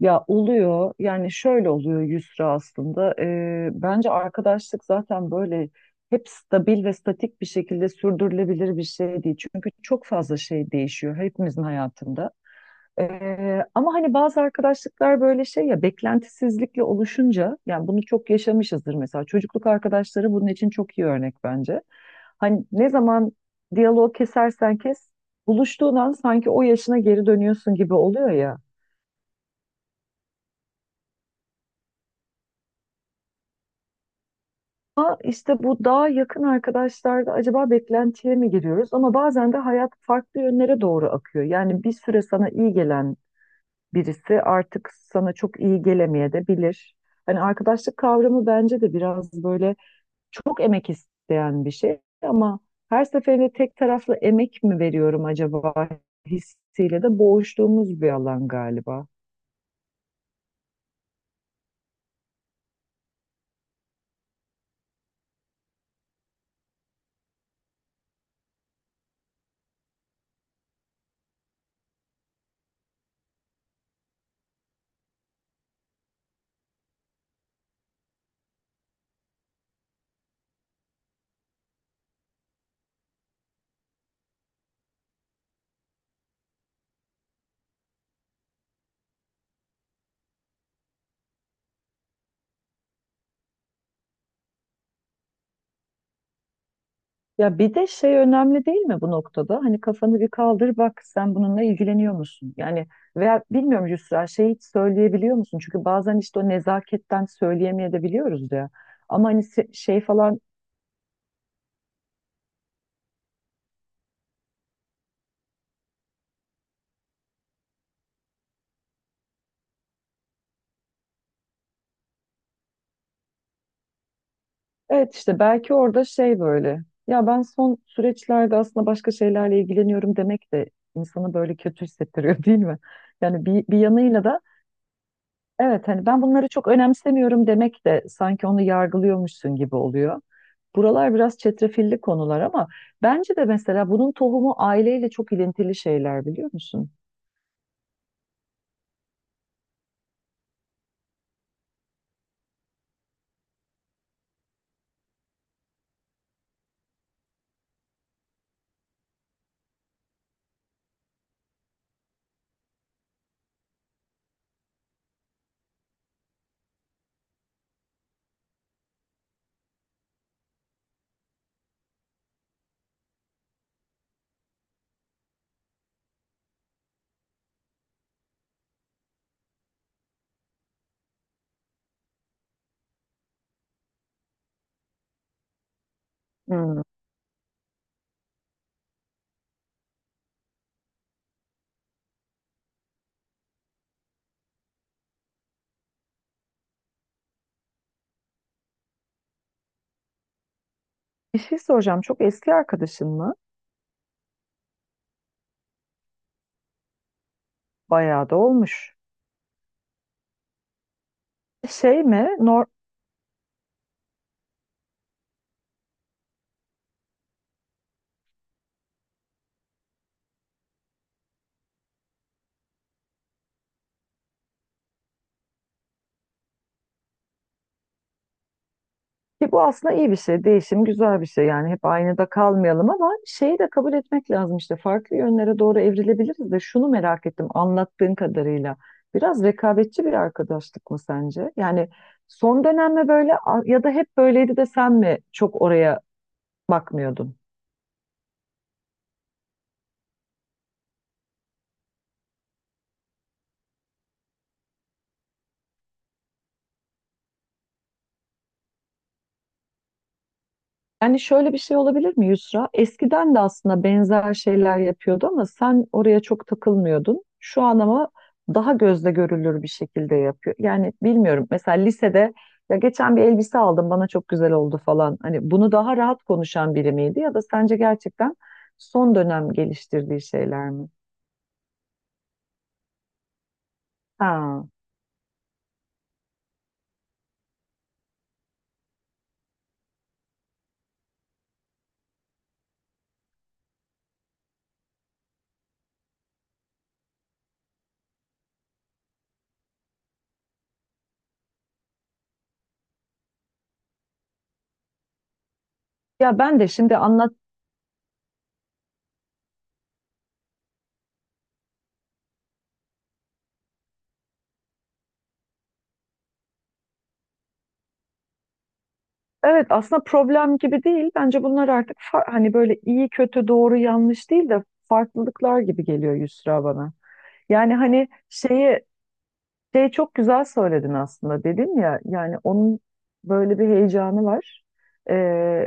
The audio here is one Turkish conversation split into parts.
Ya oluyor yani şöyle oluyor Yusra aslında. Bence arkadaşlık zaten böyle hep stabil ve statik bir şekilde sürdürülebilir bir şey değil. Çünkü çok fazla şey değişiyor hepimizin hayatında. Ama hani bazı arkadaşlıklar böyle şey ya, beklentisizlikle oluşunca yani bunu çok yaşamışızdır, mesela çocukluk arkadaşları bunun için çok iyi örnek bence. Hani ne zaman diyaloğu kesersen kes, buluştuğun an sanki o yaşına geri dönüyorsun gibi oluyor ya. Ama işte bu daha yakın arkadaşlarda acaba beklentiye mi giriyoruz? Ama bazen de hayat farklı yönlere doğru akıyor. Yani bir süre sana iyi gelen birisi artık sana çok iyi gelemeye de bilir. Hani arkadaşlık kavramı bence de biraz böyle çok emek isteyen bir şey, ama her seferinde tek taraflı emek mi veriyorum acaba hissiyle de boğuştuğumuz bir alan galiba. Ya bir de şey önemli değil mi bu noktada? Hani kafanı bir kaldır, bak sen bununla ilgileniyor musun? Yani veya bilmiyorum Yusra, şey hiç söyleyebiliyor musun? Çünkü bazen işte o nezaketten söyleyemeyebiliyoruz ya. Ama hani se- şey falan, evet işte belki orada şey böyle. Ya ben son süreçlerde aslında başka şeylerle ilgileniyorum demek de insanı böyle kötü hissettiriyor değil mi? Yani bir yanıyla da evet, hani ben bunları çok önemsemiyorum demek de sanki onu yargılıyormuşsun gibi oluyor. Buralar biraz çetrefilli konular, ama bence de mesela bunun tohumu aileyle çok ilintili şeyler, biliyor musun? Hmm. Bir şey soracağım. Çok eski arkadaşın mı? Bayağı da olmuş. Şey mi? Nor, ki bu aslında iyi bir şey. Değişim güzel bir şey. Yani hep aynı da kalmayalım, ama şeyi de kabul etmek lazım işte. Farklı yönlere doğru evrilebiliriz de, şunu merak ettim anlattığın kadarıyla. Biraz rekabetçi bir arkadaşlık mı sence? Yani son dönem mi böyle a- ya da hep böyleydi de sen mi çok oraya bakmıyordun? Yani şöyle bir şey olabilir mi Yusra? Eskiden de aslında benzer şeyler yapıyordu ama sen oraya çok takılmıyordun. Şu an ama daha gözle görülür bir şekilde yapıyor. Yani bilmiyorum. Mesela lisede ya geçen bir elbise aldım bana çok güzel oldu falan. Hani bunu daha rahat konuşan biri miydi ya da sence gerçekten son dönem geliştirdiği şeyler mi? Ha. Ya ben de şimdi anlat. Evet aslında problem gibi değil. Bence bunlar artık fa- hani böyle iyi kötü doğru yanlış değil de farklılıklar gibi geliyor Yusra bana. Yani hani şeyi, şey çok güzel söyledin aslında, dedim ya yani onun böyle bir heyecanı var. Ee,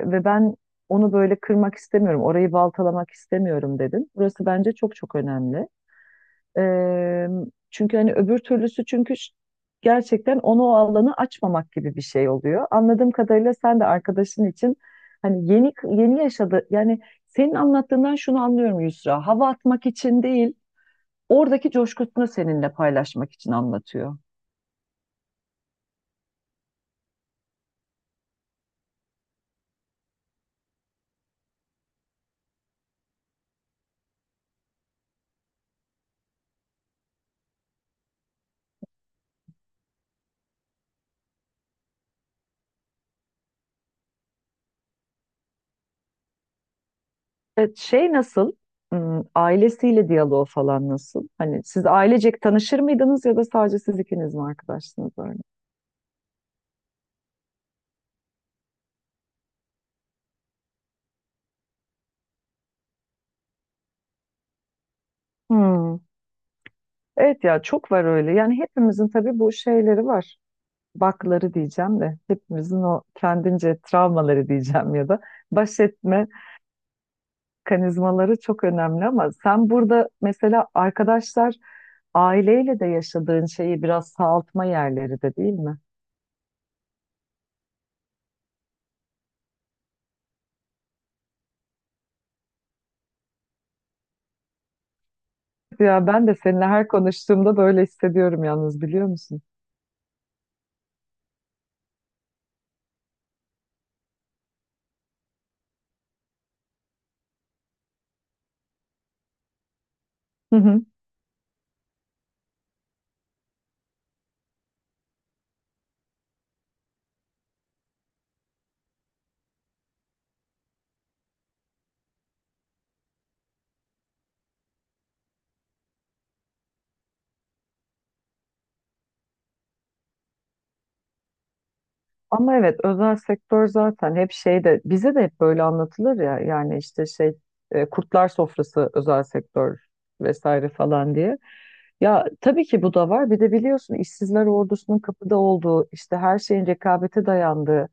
Ve ben onu böyle kırmak istemiyorum, orayı baltalamak istemiyorum dedim. Burası bence çok çok önemli. Ee, Çünkü hani öbür türlüsü, çünkü ş- gerçekten onu o alanı açmamak gibi bir şey oluyor. Anladığım kadarıyla sen de arkadaşın için hani yeni yeni yaşadı yani, senin anlattığından şunu anlıyorum Yusra, hava atmak için değil oradaki coşkusunu seninle paylaşmak için anlatıyor. Evet, şey nasıl? Hmm, ailesiyle diyaloğu falan nasıl? Hani siz ailecek tanışır mıydınız ya da sadece siz ikiniz mi arkadaşsınız öyle? Hmm. Evet ya, çok var öyle. Yani hepimizin tabii bu şeyleri var. Bakları diyeceğim de, hepimizin o kendince travmaları diyeceğim ya da baş etme kanizmaları çok önemli, ama sen burada mesela arkadaşlar aileyle de yaşadığın şeyi biraz sağaltma yerleri de değil mi? Ya ben de seninle her konuştuğumda böyle hissediyorum yalnız, biliyor musun? Ama evet özel sektör zaten hep şeyde bize de hep böyle anlatılır ya, yani işte şey kurtlar sofrası özel sektör vesaire falan diye. Ya tabii ki bu da var. Bir de biliyorsun işsizler ordusunun kapıda olduğu, işte her şeyin rekabete dayandığı,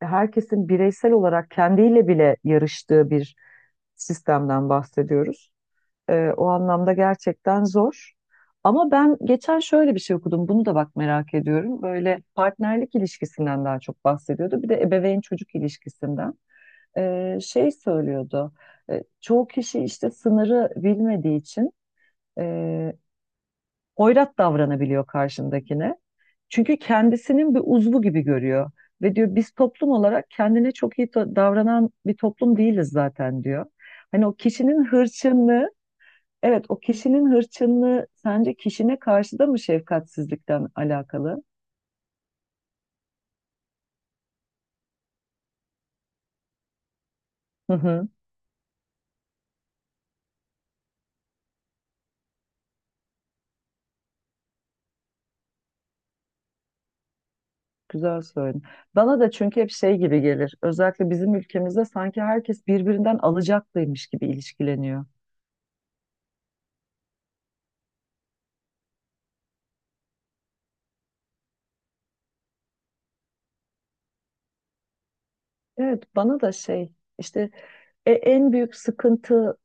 herkesin bireysel olarak kendiyle bile yarıştığı bir sistemden bahsediyoruz. O anlamda gerçekten zor. Ama ben geçen şöyle bir şey okudum. Bunu da bak merak ediyorum. Böyle partnerlik ilişkisinden daha çok bahsediyordu. Bir de ebeveyn çocuk ilişkisinden. Şey söylüyordu. Çoğu kişi işte sınırı bilmediği için e, hoyrat davranabiliyor karşındakine. Çünkü kendisinin bir uzvu gibi görüyor. Ve diyor biz toplum olarak kendine çok iyi to- davranan bir toplum değiliz zaten diyor. Hani o kişinin hırçınlığı, evet, o kişinin hırçınlığı sence kişine karşı da mı şefkatsizlikten alakalı? Hı hı, güzel söyledin. Bana da çünkü hep şey gibi gelir. Özellikle bizim ülkemizde sanki herkes birbirinden alacaklıymış gibi ilişkileniyor. Evet, bana da şey işte, en büyük sıkıntı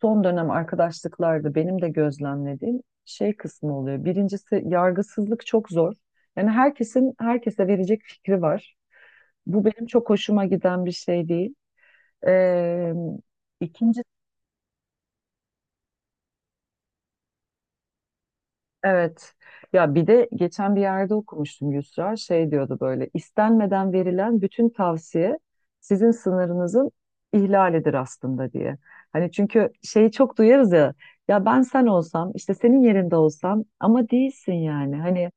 son dönem arkadaşlıklarda benim de gözlemlediğim şey kısmı oluyor. Birincisi yargısızlık çok zor. Yani herkesin herkese verecek fikri var. Bu benim çok hoşuma giden bir şey değil. Ee, ikinci evet ya, bir de geçen bir yerde okumuştum Yusra, şey diyordu, böyle istenmeden verilen bütün tavsiye sizin sınırınızın ihlalidir aslında diye. Hani çünkü şeyi çok duyarız ya, ya ben sen olsam, işte senin yerinde olsam, ama değilsin yani hani,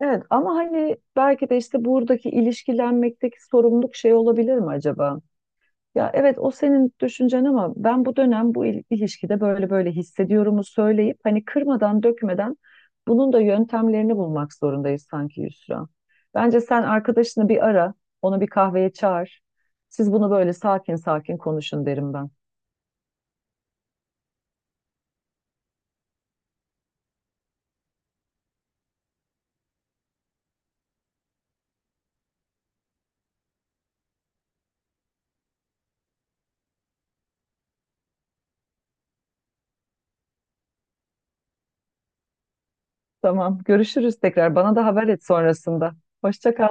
evet ama hani belki de işte buradaki ilişkilenmekteki sorumluluk şey olabilir mi acaba? Ya evet o senin düşüncen, ama ben bu dönem bu il- ilişkide böyle böyle hissediyorumu söyleyip, hani kırmadan dökmeden bunun da yöntemlerini bulmak zorundayız sanki Yusra. Bence sen arkadaşını bir ara, onu bir kahveye çağır. Siz bunu böyle sakin sakin konuşun derim ben. Tamam, görüşürüz tekrar. Bana da haber et sonrasında. Hoşça kal.